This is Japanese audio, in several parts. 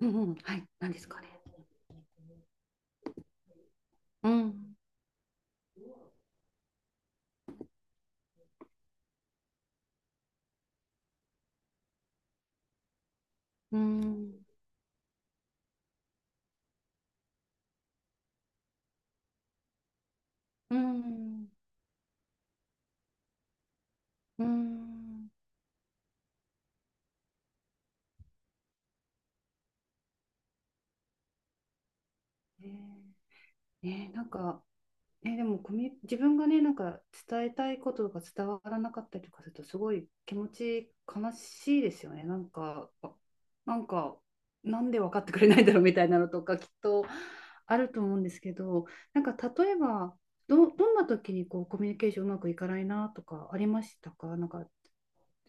うんうん、はい、何ですかね。うん、うん、うん、うん。ねえ、ねえなんか、ね、でもコミュ、自分がね、なんか伝えたいことが伝わらなかったりとかすると、すごい気持ち悲しいですよね。なんか、なんで分かってくれないんだろうみたいなのとか、きっとあると思うんですけど、なんか例えば、どんな時にこうコミュニケーションうまくいかないなとかありましたか？なんか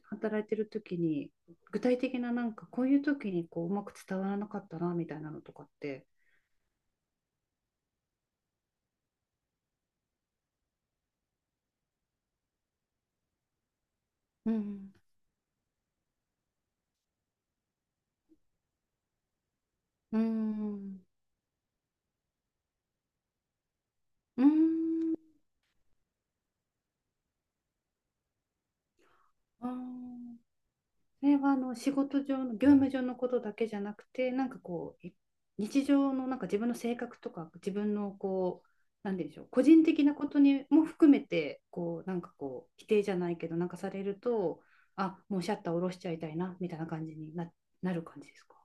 働いてる時に、具体的ななんかこういう時にこううまく伝わらなかったなみたいなのとかって。うんうんうん。あそれは、あの仕事上の業務上のことだけじゃなくて、なんかこう日常のなんか自分の性格とか自分のこうなんでしょう、個人的なことにも含めて、こうなんかこう否定じゃないけどなんかされると、もうシャッター下ろしちゃいたいなみたいな感じになる感じですか？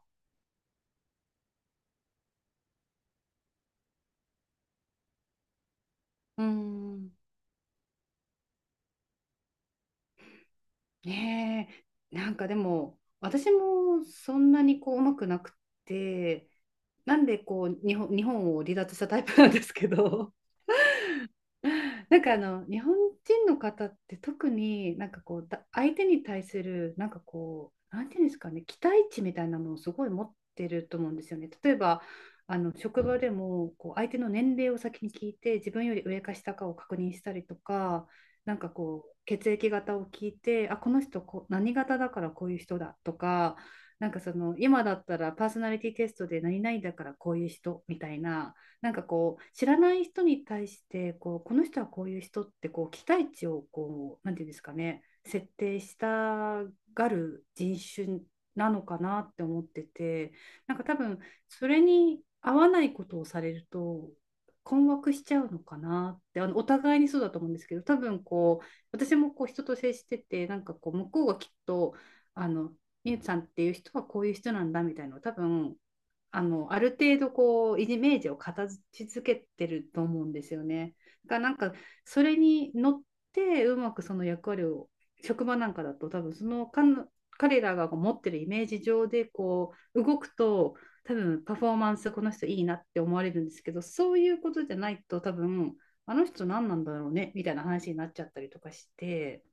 うーん。ねえ、なんかでも、私もそんなにこう、うまくなくて、なんでこう、日本を離脱したタイプなんですけど、なんかあの日本人の方って、特になんかこう相手に対するなんかこうなんていうんですかね、期待値みたいなものをすごい持ってると思うんですよね。例えばあの職場でもこう相手の年齢を先に聞いて、自分より上か下かを確認したりとか、なんかこう血液型を聞いて、この人こう何型だからこういう人だとか、なんかその今だったらパーソナリティテストで何々だからこういう人みたいな。なんかこう知らない人に対して、こうこの人はこういう人ってこう期待値をこうなんていうんですかね、設定したがる人種なのかなって思ってて、なんか多分それに合わないことをされると困惑しちゃうのかなって。あのお互いにそうだと思うんですけど、多分こう私もこう人と接してて、なんかこう向こうがきっと、あのみゆさんっていう人はこういう人なんだみたいなのを、多分あの、ある程度こう、イメージを形付けてると思うんですよね。だからなんか、それに乗って、うまくその役割を、職場なんかだと多分その彼らが持ってるイメージ上でこう、動くと、多分パフォーマンスこの人いいなって思われるんですけど、そういうことじゃないと多分、あの人何なんだろうねみたいな話になっちゃったりとかして、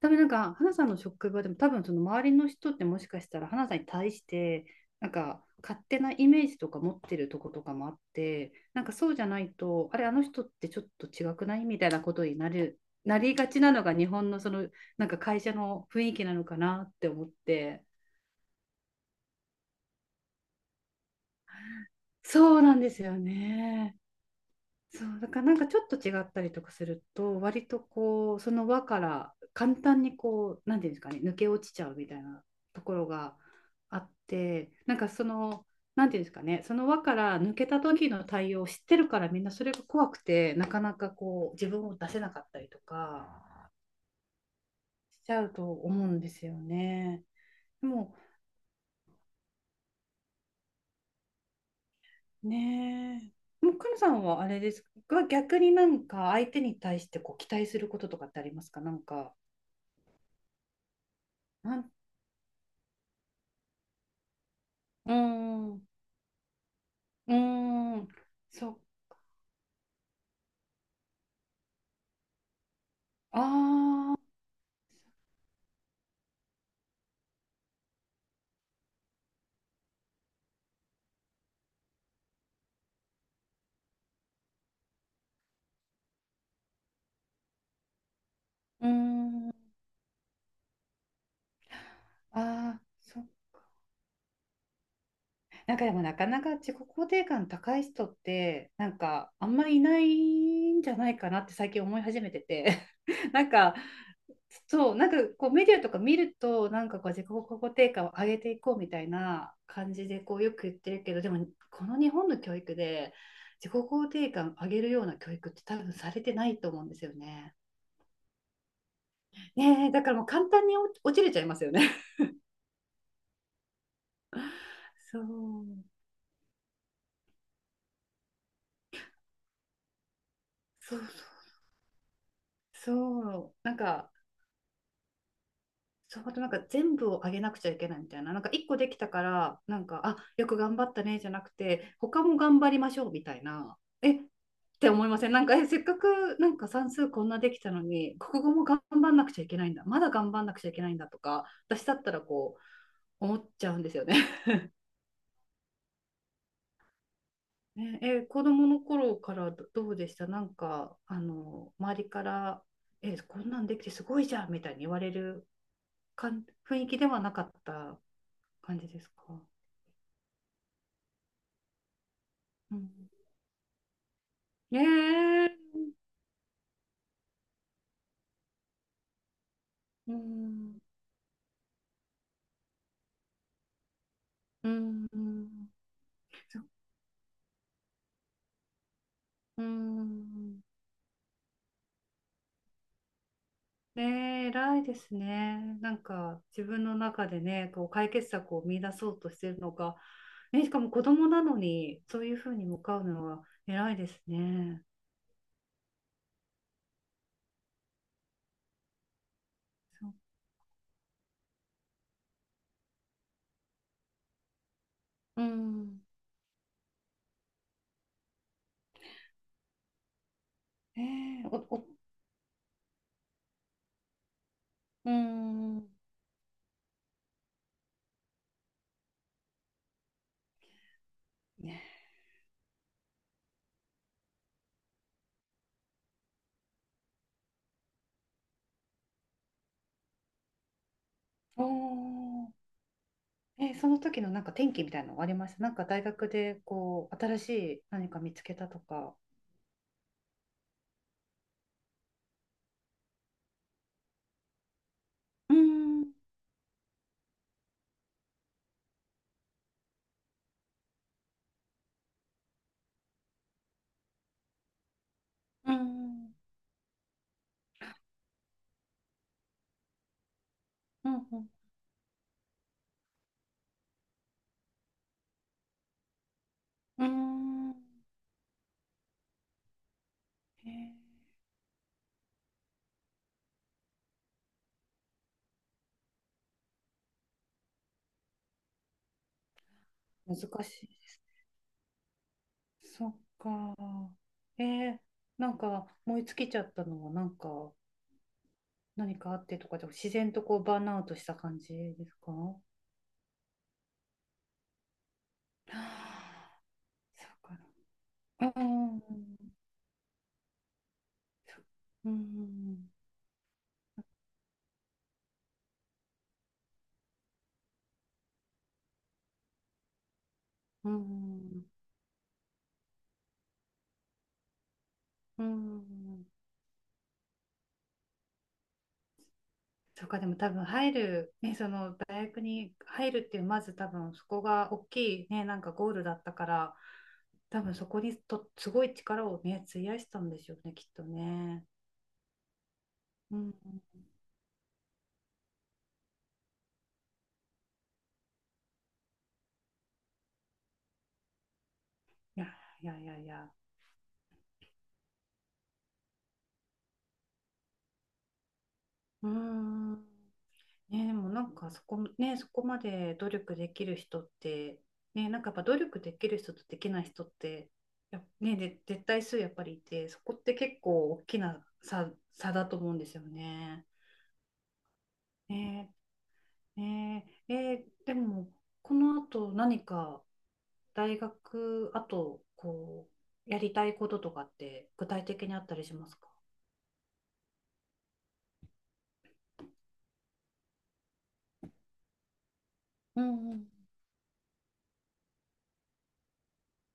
多分なんか、花さんの職場でも、多分その周りの人ってもしかしたら、花さんに対して、なんか、勝手なイメージとか持ってるとことかもあって、なんかそうじゃないと、あれ、あの人ってちょっと違くないみたいなことになりがちなのが日本のその、なんか会社の雰囲気なのかなって思って。そうなんですよね。そうだからなんかちょっと違ったりとかすると、割とこうその輪から簡単にこうなんていうんですかね、抜け落ちちゃうみたいなところがあって、なんかその、なんていうんですかね、その輪から抜けた時の対応を知ってるから、みんなそれが怖くてなかなかこう自分を出せなかったりとかしちゃうと思うんですよね。でもね、もうくのさんはあれですが、逆になんか相手に対してこう期待することとかってありますか？なんか。なんうーん、うーん、そっ、ああー、うーん、ああ、そう。なんかでもなかなか自己肯定感高い人って、なんかあんまりいないんじゃないかなって最近思い始めてて、なんか、そう、なんかこうメディアとか見ると、なんかこう自己肯定感を上げていこうみたいな感じでこうよく言ってるけど、でもこの日本の教育で自己肯定感上げるような教育って多分されてないと思うんですよね。ねえ、だからもう簡単に落ちれちゃいますよね。そう、そうそう、そう、なんか、そう、あとなんか全部をあげなくちゃいけないみたいな、なんか一個できたから、なんか、あ、よく頑張ったねじゃなくて、他も頑張りましょうみたいな、えって思いませんなんか、え、せっかくなんか算数こんなできたのに、国語も頑張んなくちゃいけないんだ、まだ頑張んなくちゃいけないんだとか、私だったらこう、思っちゃうんですよね。ねえ、子供の頃からどうでしたなんか、あの、周りから、え、こんなんできてすごいじゃんみたいに言われる雰囲気ではなかった感じですか？うん。ねえ、うん、うん、うん、そうん。ねえ、偉いですね。なんか、自分の中でね、こう解決策を見出そうとしてるのが、ね、しかも子供なのに、そういうふうに向かうのは偉いですね。そう。うん、えー、お、うーん、ね、おー。その時のなんか転機みたいなのありましたなんか大学でこう、新しい何か見つけたとか。うーん、うーん、うん、うん、うーん、えー難しいです。そっか。えーなんか燃え尽きちゃったのはなんか、何かあってとかじゃ、自然とこうバーンアウトした感じですか？は。あそっか。うん、そうん。うん、うん、そうか、でも多分入る、ね、その大学に入るっていう、まず多分そこが大きいね、なんかゴールだったから、多分そこにとすごい力をね、費やしたんでしょうね、きっとね。うん、いやいやいやいや、うん。ね、でもなんかそこ、ね、そこまで努力できる人って、ね、なんかやっぱ努力できる人とできない人ってね、で絶対数やっぱりいて、そこって結構大きな差だと思うんですよね。ね、ねえー、でもこの後何か大学あとこうやりたいこととかって具体的にあったりしますか？うんうん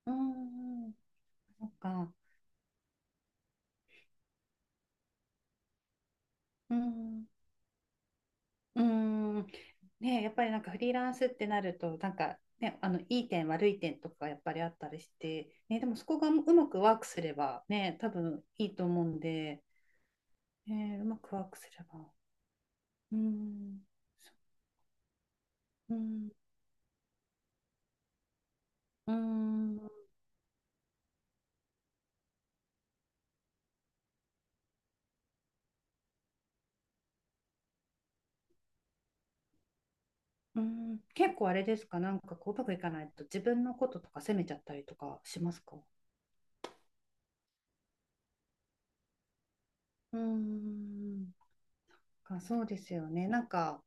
うんうん、なんか、うんうーん。ねえ、やっぱりなんかフリーランスってなると、なんかね、あのいい点、悪い点とかやっぱりあったりして、ね、でもそこがうまくワークすればね、多分いいと思うんで、ねえ、うまくワークすれば。うーん、うん、うん、うん、結構あれですか、なんかこううまくいかないと自分のこととか責めちゃったりとかしますか？うーん、そうですよね。なんか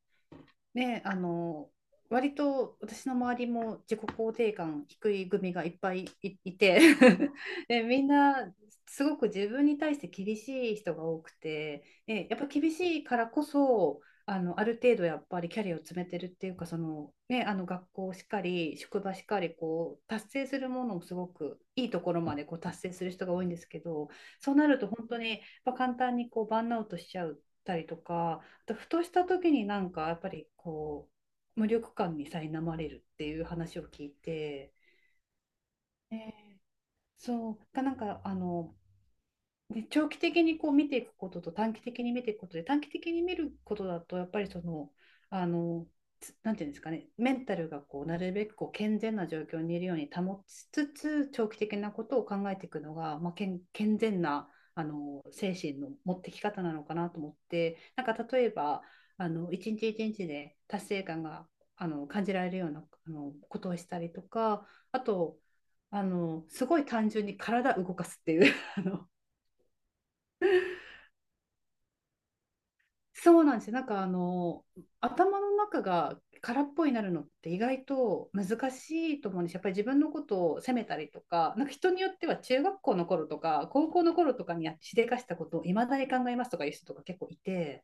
ね、あの、割と私の周りも自己肯定感低い組がいっぱいいて で、みんなすごく自分に対して厳しい人が多くて、で、やっぱ厳しいからこそ、あの、ある程度やっぱりキャリアを詰めてるっていうか、その、ね、あの学校しっかり、職場しっかり、こう、達成するものをすごくいいところまでこう達成する人が多いんですけど、そうなると本当にやっぱ簡単にこうバーンアウトしちゃったりとか、ふとした時になんかやっぱりこう無力感に苛まれるっていう話を聞いて、えーそうなんかあの、で、長期的にこう見ていくことと短期的に見ていくことで、短期的に見ることだと、やっぱりその、あの、なんていうんですかね、メンタルがこうなるべくこう健全な状況にいるように保ちつつ、長期的なことを考えていくのが、まあ、健、健全なあの精神の持ってき方なのかなと思って、なんか例えば、あの一日一日で達成感があの感じられるようなあのことをしたりとか、あと、あのすごい単純に体動かすっていう あの、そうなんですよ。なんかあの頭の中が空っぽになるのって意外と難しいと思うんです。やっぱり自分のことを責めたりとか、なんか人によっては中学校の頃とか高校の頃とかにやしでかしたことをいまだに考えますとかいう人とか結構いて、